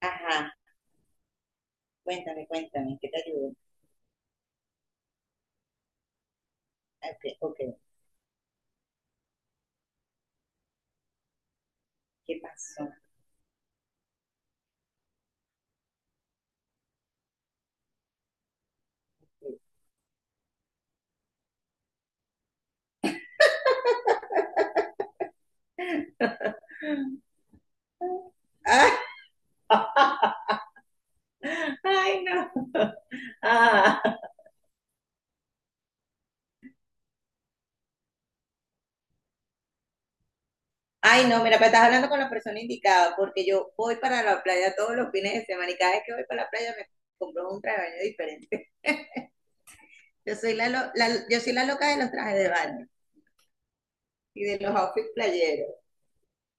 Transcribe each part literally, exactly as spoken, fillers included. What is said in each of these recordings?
Ajá, cuéntame, cuéntame, ¿qué te ayudo? Ok, ok, ¿qué pasó? Ah, Ay, no. Ah, Ay, no, mira, pero estás hablando con la persona indicada, porque yo voy para la playa todos los fines de semana y cada vez que voy para la playa me compro un traje de baño diferente. Yo soy la, lo- la- yo soy la loca de los trajes de baño y de los outfits playeros.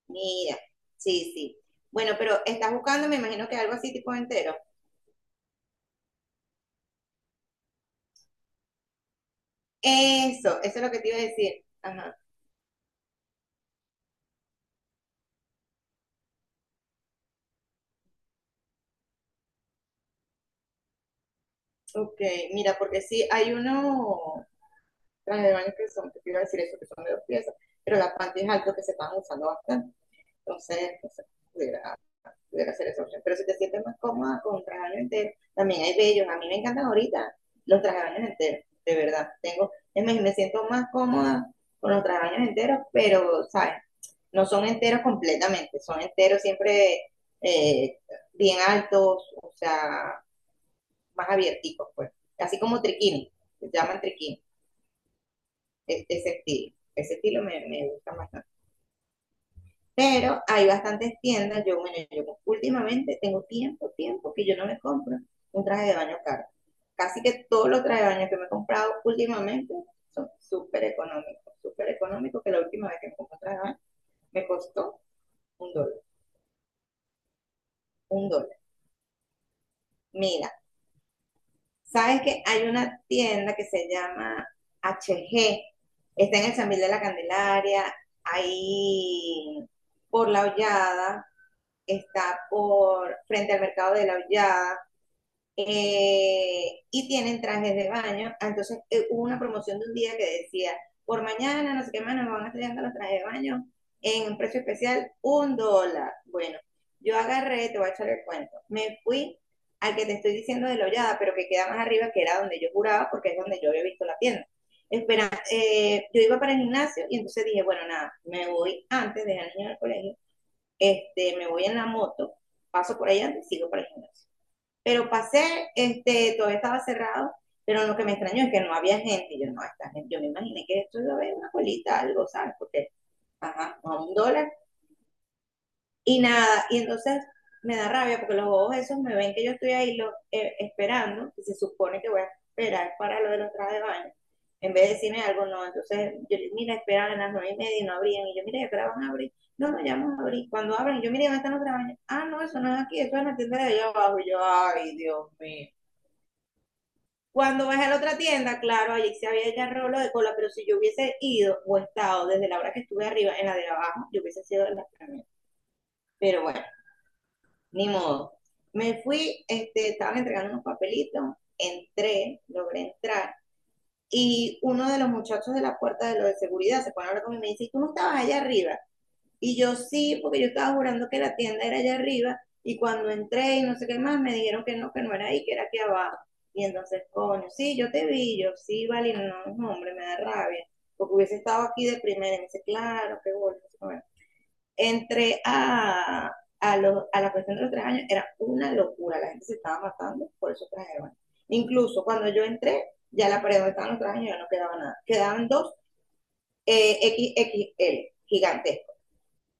Mira, sí, sí. Bueno, pero estás buscando, me imagino que algo así tipo entero. Eso, eso es lo que te iba a decir. Ajá. Ok, mira, porque sí, hay uno, trajes de baño que son, que te iba a decir eso, que son de dos piezas, pero la panty es algo que se están usando bastante. Entonces, no sé, pudiera, pudiera ser esa opción. Pero si te sientes más cómoda con un traje de baño entero, también hay bellos. A mí me encantan ahorita los trajes de baño enteros, de verdad. Tengo, es más, me siento más cómoda con los trajes de baño enteros, pero, ¿sabes? No son enteros completamente, son enteros siempre eh, bien altos, o sea, más abierticos, pues. Así como triquini, se llaman triquini, e- ese estilo. Ese estilo me, me gusta bastante. Pero hay bastantes tiendas, yo, bueno, yo últimamente tengo tiempo, tiempo que yo no me compro un traje de baño caro. Casi que todos los trajes de baño que me he comprado últimamente son súper económicos, súper económicos, que la última vez que me compré un traje de baño me costó un dólar, un dólar. Mira, sabes que hay una tienda que se llama H G, está en el San Miguel de la Candelaria, ahí por la Hollada, está por frente al mercado de la Hollada, eh, y tienen trajes de baño. Ah, entonces eh, hubo una promoción de un día que decía, por mañana, no sé qué más, nos van a estar llegando los trajes de baño en un precio especial, un dólar. Bueno, yo agarré, te voy a echar el cuento, me fui al que te estoy diciendo de Lollada, pero que queda más arriba, que era donde yo juraba, porque es donde yo había visto la tienda. Espera, eh, yo iba para el gimnasio y entonces dije, bueno, nada, me voy antes, dejé al niño en el colegio, este, me voy en la moto, paso por ahí antes y sigo para el gimnasio. Pero pasé, este, todavía estaba cerrado, pero lo que me extrañó es que no había gente. Y yo, no, esta gente, yo me imaginé que esto iba a haber una colita, algo, ¿sabes? Porque, ajá, a un dólar. Y nada, y entonces me da rabia porque los bobos esos me ven que yo estoy ahí lo, eh, esperando, que se supone que voy a esperar para lo de los trajes de baño. En vez de decirme algo, no. Entonces, yo mira, esperaban a las nueve y media y no abrían. Y yo, mira, esperaban van a abrir. No, no, ya vamos a abrir. Cuando abren, yo, mira, ¿dónde están los trabajos? Ah, no, eso no es aquí, eso es en la tienda de allá abajo. Y yo, ay, Dios mío. Cuando bajé a la otra tienda, claro, allí se había agarrado lo de cola, pero si yo hubiese ido o estado desde la hora que estuve arriba en la de abajo, yo hubiese sido en la primera. Pero bueno, ni modo. Me fui, este, estaban entregando unos papelitos, entré, logré entrar, y uno de los muchachos de la puerta de lo de seguridad se pone a hablar conmigo y me dice, ¿tú no estabas allá arriba? Y yo sí, porque yo estaba jurando que la tienda era allá arriba y cuando entré y no sé qué más, me dijeron que no, que no era ahí, que era aquí abajo. Y entonces, coño, sí, yo te vi, yo sí, vale, no, no, no, hombre, me da rabia, porque hubiese estado aquí de primera. Y me dice, claro, qué bueno. Bueno, entré a, a, los, a la cuestión de los tres años, era una locura, la gente se estaba matando por eso tres. Incluso cuando yo entré, ya la pared donde estaban los tres años ya no quedaba nada. Quedaban dos eh, X X L, gigantes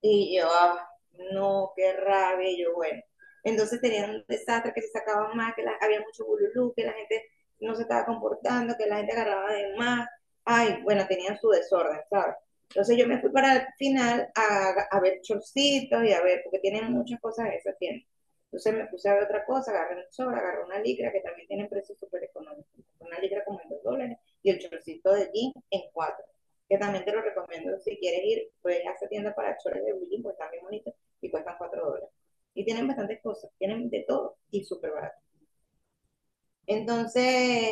y yo, ah, no, qué rabia, y yo, bueno. Entonces tenían un desastre que se sacaban más, que la- había mucho bululú, que la gente no se estaba comportando, que la gente agarraba de más. Ay, bueno, tenían su desorden, ¿sabes? Entonces yo me fui para el final a, a ver chorcitos y a ver, porque tienen muchas cosas en esa tienda. Entonces me puse a ver otra cosa, agarré un chor, agarré una licra, que también tienen precios súper económicos. Una licra como en dos dólares y el chorcito de jean en cuatro, que también te lo recomiendo si quieres ir, puedes a esa tienda para chores de bullying, pues están bien bonitos y cuestan cuatro dólares. Y tienen bastantes cosas, tienen de todo y súper barato. Entonces,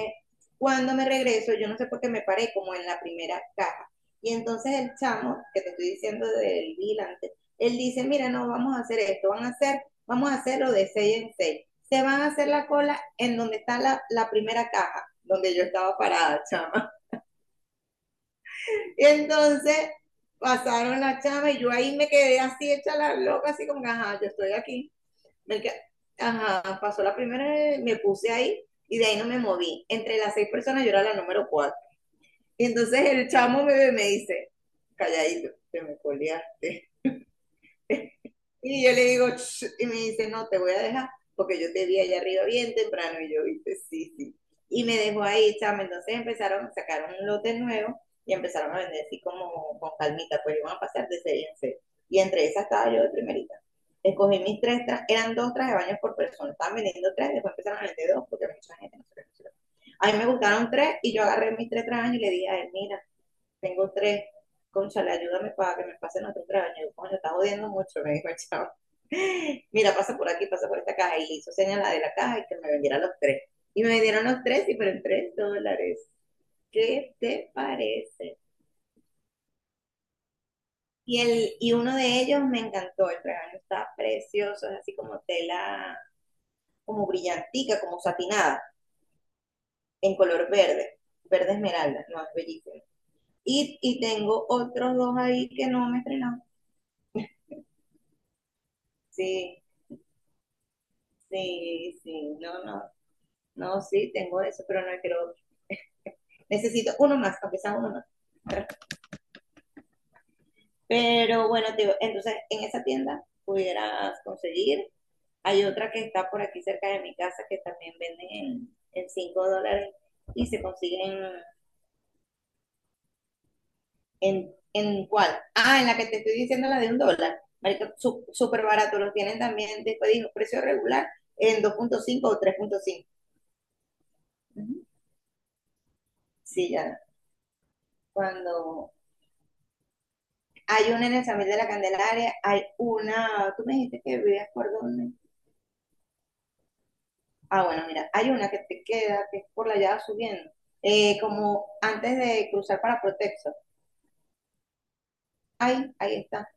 cuando me regreso, yo no sé por qué me paré como en la primera caja. Y entonces el chamo, que te estoy diciendo del vigilante, él dice, mira, no, vamos a hacer esto, van a hacer, vamos a hacerlo de seis en seis. Se van a hacer la cola en donde está la, la primera caja, donde yo estaba parada, chamo. Entonces pasaron la chava y yo ahí me quedé así hecha la loca, así como, ajá, yo estoy aquí. Me qued- Ajá, pasó la primera, me puse ahí y de ahí no me moví. Entre las seis personas yo era la número cuatro. Y entonces el chamo me me dice, calladito, te me coleaste. Y yo le digo, y me dice, no, te voy a dejar, porque yo te vi allá arriba bien temprano, y yo, viste, sí, sí. Y me dejó ahí, chama, entonces empezaron, sacaron un lote nuevo y empezaron a vender así como con calmita, pues iban a pasar de serie en serie. Y entre esas estaba yo de primerita. Escogí mis tres, tra- eran dos trajes de baño por persona, estaban vendiendo tres, después empezaron a vender dos, porque mucha gente no se lo. A mí me gustaron tres, y yo agarré mis tres trajes y le dije a él, mira, tengo tres, cónchale ayúdame para que me pasen otros trajes de baño. Yo, coño, está jodiendo mucho, me dijo el chavo, mira, pasa por aquí, pasa por esta caja. Y le hizo señas la de la caja y que me vendieran los tres. Y me vendieron los tres y fueron tres dólares. ¿Qué te parece? Y, el, y uno de ellos me encantó, el regalo está precioso, es así como tela, como brillantica, como satinada, en color verde, verde esmeralda, no, es bellísimo. Y, y tengo otros dos ahí que no me estrenaron. Sí, sí, sí, no, no, no, sí, tengo eso, pero no quiero otro. Necesito uno más, aunque sea uno más. Pero bueno, te digo, entonces en esa tienda pudieras conseguir. Hay otra que está por aquí cerca de mi casa que también vende en en cinco dólares y se consigue en, en, en cuál. Ah, en la que te estoy diciendo, la de un dólar. Marica, súper barato. Los tienen también, después dijo, precio regular en dos punto cinco o tres punto cinco. Ujú. Sí, ya. Cuando hay una en el Samil de la Candelaria, hay una, tú me dijiste que vivías por dónde. Ah, bueno, mira, hay una que te queda, que es por la llave subiendo, eh, como antes de cruzar para Protexo. Ahí, ahí está.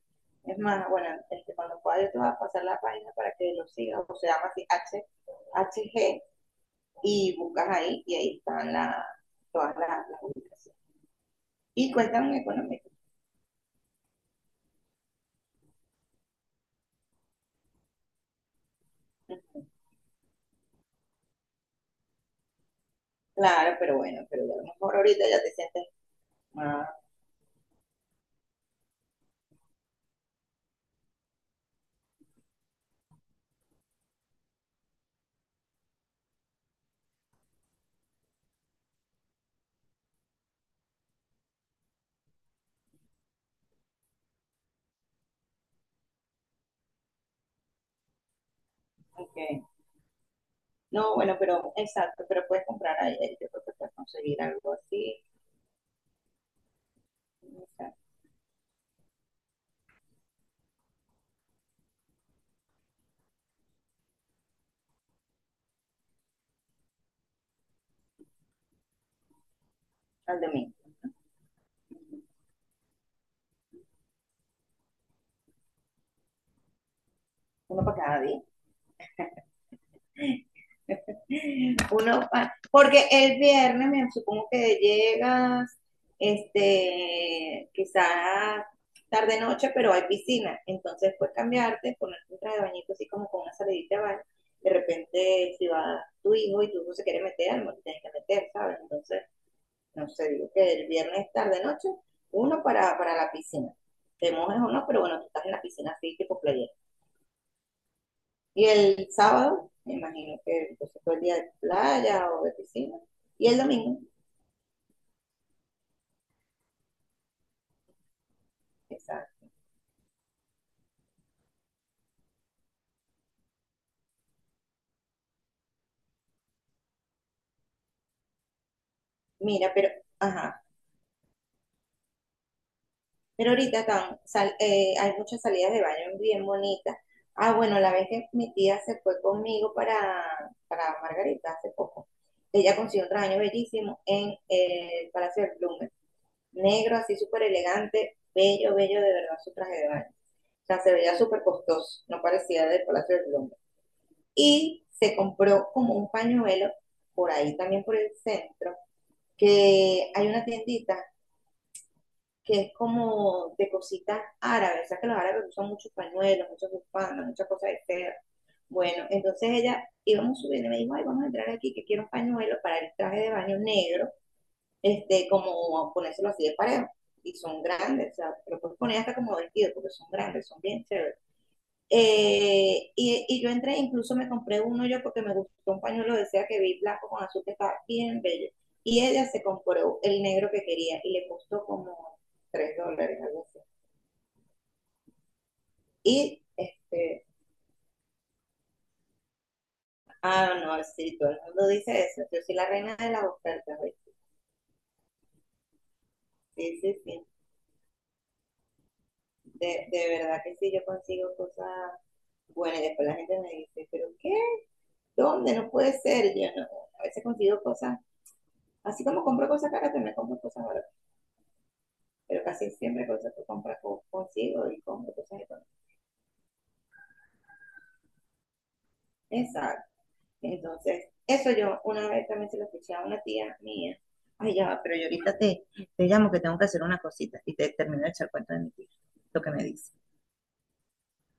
Es más, bueno, este, cuando pueda yo te voy a pasar la página para que lo sigas, o se llama así H, H G y buscas ahí, y ahí están la, todas las, las ubicaciones. Y cuestan económico. Claro, pero bueno, pero a lo mejor ahorita ya te sientes más, ok. No, bueno, pero exacto, pero puedes comprar ahí, ahí yo creo que puedes conseguir algo así, o sea, al domingo. Uno para cada día. Uno pa- porque el viernes me supongo que llegas, este, quizás tarde noche, pero hay piscina. Entonces puedes cambiarte, ponerte un traje de bañito así como con una salidita de baño. De repente, si va tu hijo y tu hijo se quiere meter, no te tienes que meter, ¿sabes? Entonces, no sé, digo que el viernes tarde noche, uno para, para la piscina. Te mojas o no, pero bueno, tú estás en la piscina así, tipo playa. Y el sábado, me imagino que pues todo el día de playa o de piscina. Y el domingo, exacto. Mira, pero, ajá. Pero ahorita tan, sal- eh, hay muchas salidas de baño bien bonitas. Ah, bueno, la vez que mi tía se fue conmigo para, para Margarita hace poco, ella consiguió un traje bellísimo en eh, el Palacio del Blumen. Negro, así súper elegante, bello, bello de verdad su traje de baño. O sea, se veía súper costoso, no parecía del Palacio del Blumen. Y se compró como un pañuelo por ahí también por el centro, que hay una tiendita que es como de cositas árabes, o sea que los árabes usan muchos pañuelos, muchas bufandas, muchas cosas de seda. Bueno, entonces ella íbamos subiendo y me dijo, ay, vamos a entrar aquí que quiero un pañuelo para el traje de baño negro, este, como ponérselo así de parejo. Y son grandes, o sea, pero puedes poner hasta como vestido porque son grandes, son bien chéveres. Eh, y, y yo entré, incluso me compré uno yo porque me gustó un pañuelo de seda que vi blanco con azul que estaba bien bello. Y ella se compró el negro que quería y le costó como tres dólares, algo así. Y, este, ah, no, sí, todo el mundo dice eso. Yo soy la reina de las ofertas, ¿ves? Sí, sí, sí. De, de verdad que sí, yo consigo cosas buenas. Y después la gente me dice, ¿pero qué? ¿Dónde? No puede ser. Y yo no. A veces consigo cosas, así como compro cosas caras, también compro cosas baratas. Pero casi siempre cosas que compras consigo y compro cosas económicas. Exacto. Entonces, eso yo una vez también se lo escuché a una tía mía. Ay, ya, va, pero yo ahorita te, te llamo que tengo que hacer una cosita y te termino de echar cuenta de mi tía, lo que me dice.